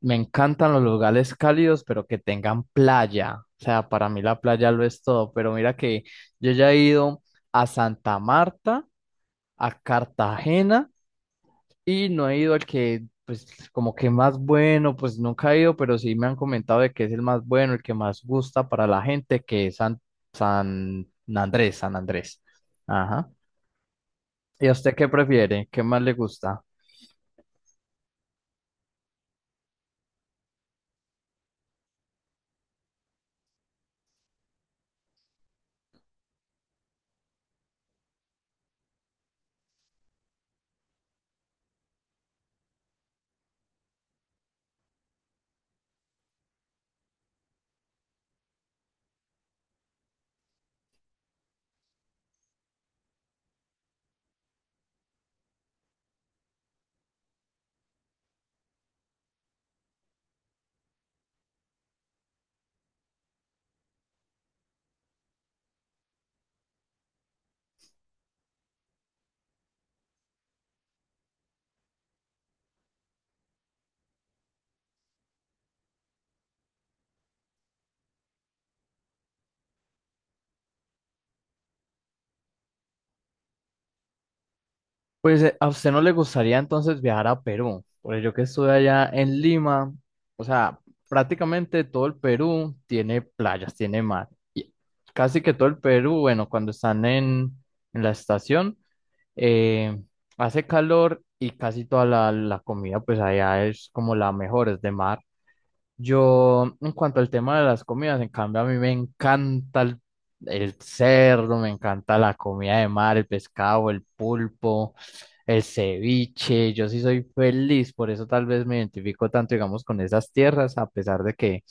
Me encantan los lugares cálidos, pero que tengan playa. O sea, para mí la playa lo es todo. Pero mira que yo ya he ido a Santa Marta, a Cartagena, y no he ido al que, pues, como que más bueno, pues nunca he ido, pero sí me han comentado de que es el más bueno, el que más gusta para la gente, que es San Andrés, San Andrés. Ajá. ¿Y a usted qué prefiere? ¿Qué más le gusta? Pues a usted no le gustaría entonces viajar a Perú, porque yo que estuve allá en Lima, o sea, prácticamente todo el Perú tiene playas, tiene mar. Y casi que todo el Perú, bueno, cuando están en la estación, eh, hace calor y casi toda la comida, pues allá es como la mejor, es de mar. Yo, en cuanto al tema de las comidas, en cambio, a mí me encanta el cerdo, me encanta la comida de mar, el pescado, el pulpo, el ceviche. Yo sí soy feliz, por eso tal vez me identifico tanto, digamos, con esas tierras, a pesar de que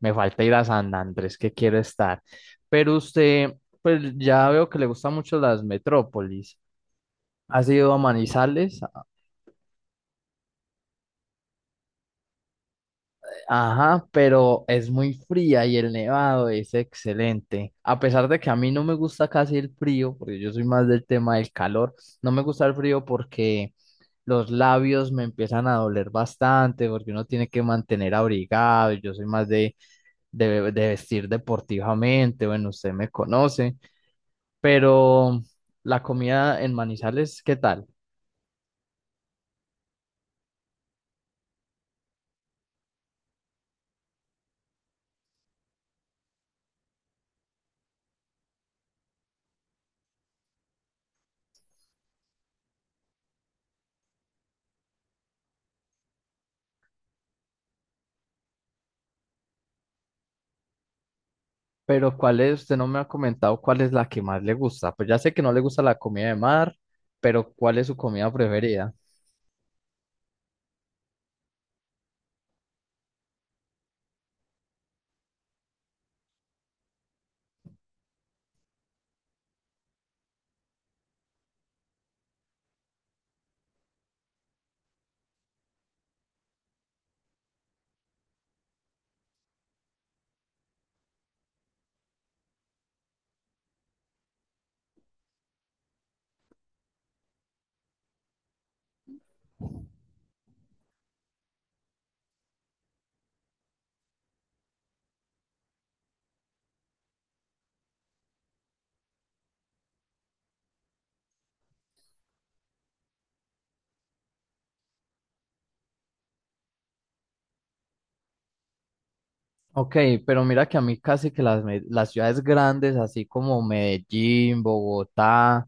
me falta ir a San Andrés, que quiero estar. Pero usted, pues ya veo que le gustan mucho las metrópolis. ¿Has ido a Manizales? Ajá, pero es muy fría y el nevado es excelente. A pesar de que a mí no me gusta casi el frío, porque yo soy más del tema del calor, no me gusta el frío porque los labios me empiezan a doler bastante, porque uno tiene que mantener abrigado. Y Yo soy más de, de vestir deportivamente, bueno, usted me conoce, pero la comida en Manizales, ¿qué tal? Pero ¿cuál es? Usted no me ha comentado cuál es la que más le gusta. Pues ya sé que no le gusta la comida de mar, pero ¿cuál es su comida preferida? Ok, pero mira que a mí casi que las ciudades grandes, así como Medellín, Bogotá,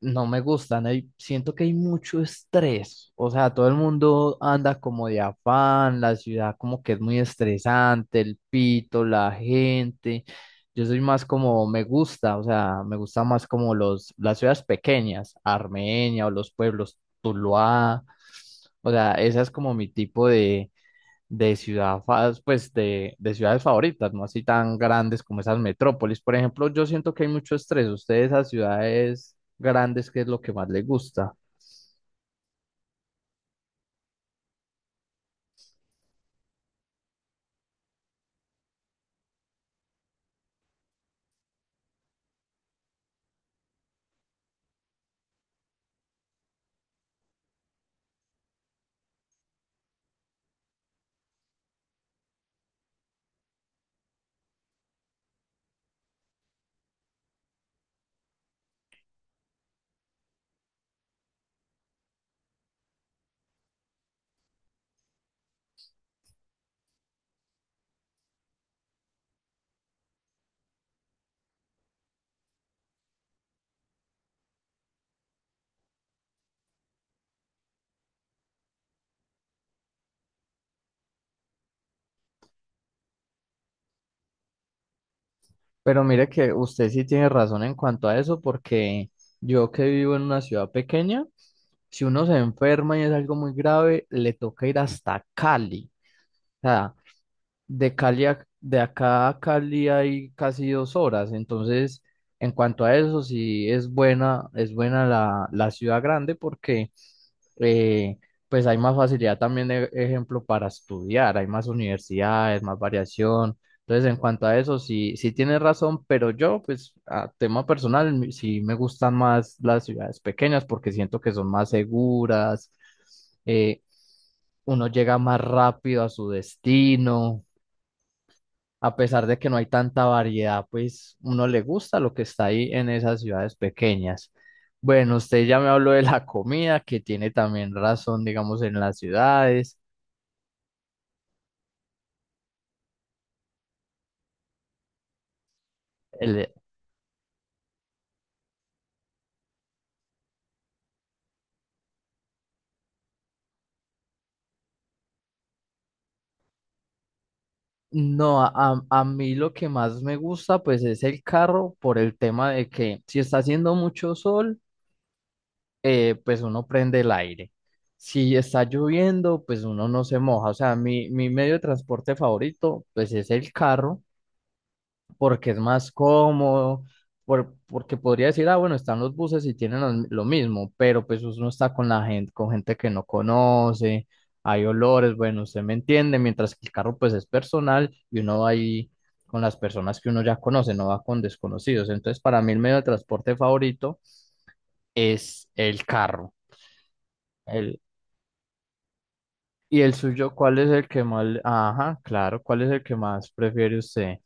no me gustan. Hay, siento que hay mucho estrés. O sea, todo el mundo anda como de afán, la ciudad como que es muy estresante, el pito, la gente. Yo soy más como me gusta, o sea, me gusta más como las ciudades pequeñas, Armenia o los pueblos, Tuluá. O sea, esa es como mi tipo de ciudad, pues de ciudades favoritas, no así tan grandes como esas metrópolis. Por ejemplo, yo siento que hay mucho estrés. Usted de esas ciudades grandes, ¿qué es lo que más le gusta? Pero mire que usted sí tiene razón en cuanto a eso, porque yo que vivo en una ciudad pequeña, si uno se enferma y es algo muy grave, le toca ir hasta Cali. O sea, De acá a Cali hay casi 2 horas, entonces en cuanto a eso sí es buena la ciudad grande porque eh, pues hay más facilidad también de ejemplo para estudiar, hay más universidades, más variación, entonces en cuanto a eso sí tienes razón, pero yo pues a tema personal sí me gustan más las ciudades pequeñas porque siento que son más seguras, eh, uno llega más rápido a su destino a pesar de que no hay tanta variedad, pues uno le gusta lo que está ahí en esas ciudades pequeñas. Bueno, usted ya me habló de la comida, que tiene también razón, digamos, en las ciudades. El- no, a mí lo que más me gusta, pues es el carro por el tema de que si está haciendo mucho sol, pues uno prende el aire. Si está lloviendo, pues uno no se moja. O sea, mi medio de transporte favorito, pues es el carro. Porque es más cómodo, porque podría decir, ah, bueno, están los buses y tienen lo mismo, pero pues uno está con la gente, con gente que no conoce, hay olores, bueno, usted me entiende, mientras que el carro pues es personal y uno va ahí con las personas que uno ya conoce, no va con desconocidos. Entonces, para mí el medio de transporte favorito es el carro. El, ¿Y el suyo cuál es el que más, ajá, claro, cuál es el que más prefiere usted?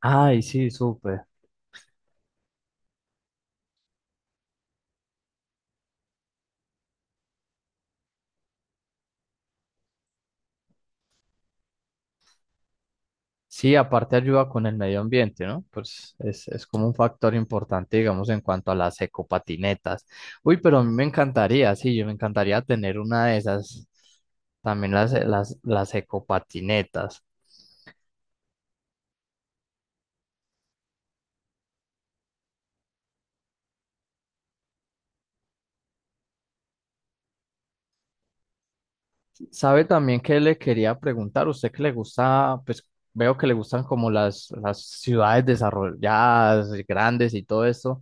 Ay, sí, súper. Sí, aparte ayuda con el medio ambiente, ¿no? Pues es como un factor importante, digamos, en cuanto a las ecopatinetas. Uy, pero a mí me encantaría, sí, yo me encantaría tener una de esas, también las ecopatinetas. ¿Sabe también que le quería preguntar? ¿Usted que le gusta, pues veo que le gustan como las ciudades desarrolladas, grandes y todo eso?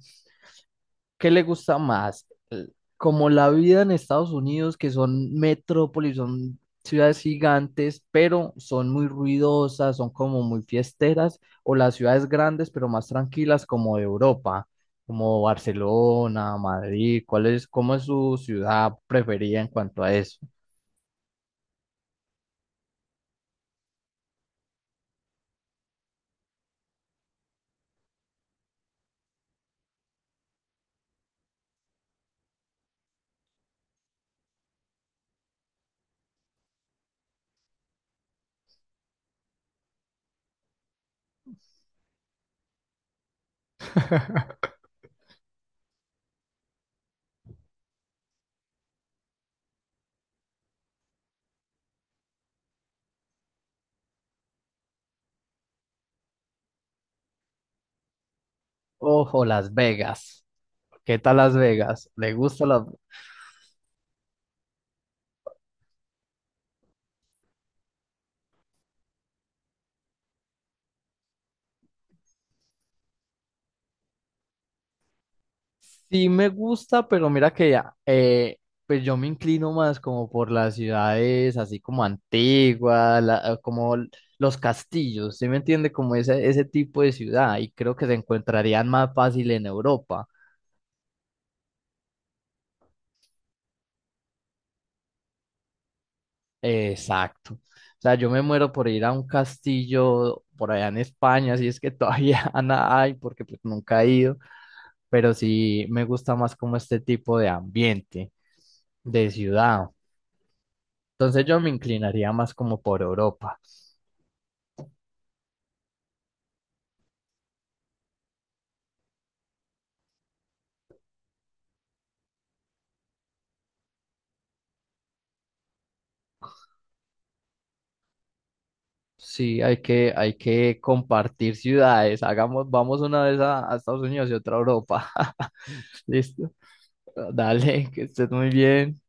¿Qué le gusta más? Como la vida en Estados Unidos, que son metrópolis, son ciudades gigantes, pero son muy ruidosas, son como muy fiesteras, o las ciudades grandes, pero más tranquilas, como de Europa, como Barcelona, Madrid, ¿cuál es, cómo es su ciudad preferida en cuanto a eso? Ojo, Las Vegas. ¿Qué tal Las Vegas? ¿Le gusta Las? Sí me gusta, pero mira que ya, pues yo me inclino más como por las ciudades así como antiguas, como los castillos, ¿sí me entiende? Como ese tipo de ciudad y creo que se encontrarían más fácil en Europa. Exacto. O sea, yo me muero por ir a un castillo por allá en España, si es que todavía hay, porque pues nunca he ido, pero sí me gusta más como este tipo de ambiente, de ciudad. Entonces yo me inclinaría más como por Europa. Sí, hay que compartir ciudades. Hagamos, vamos una vez a Estados Unidos y otra a Europa. Listo. Dale, que estés muy bien.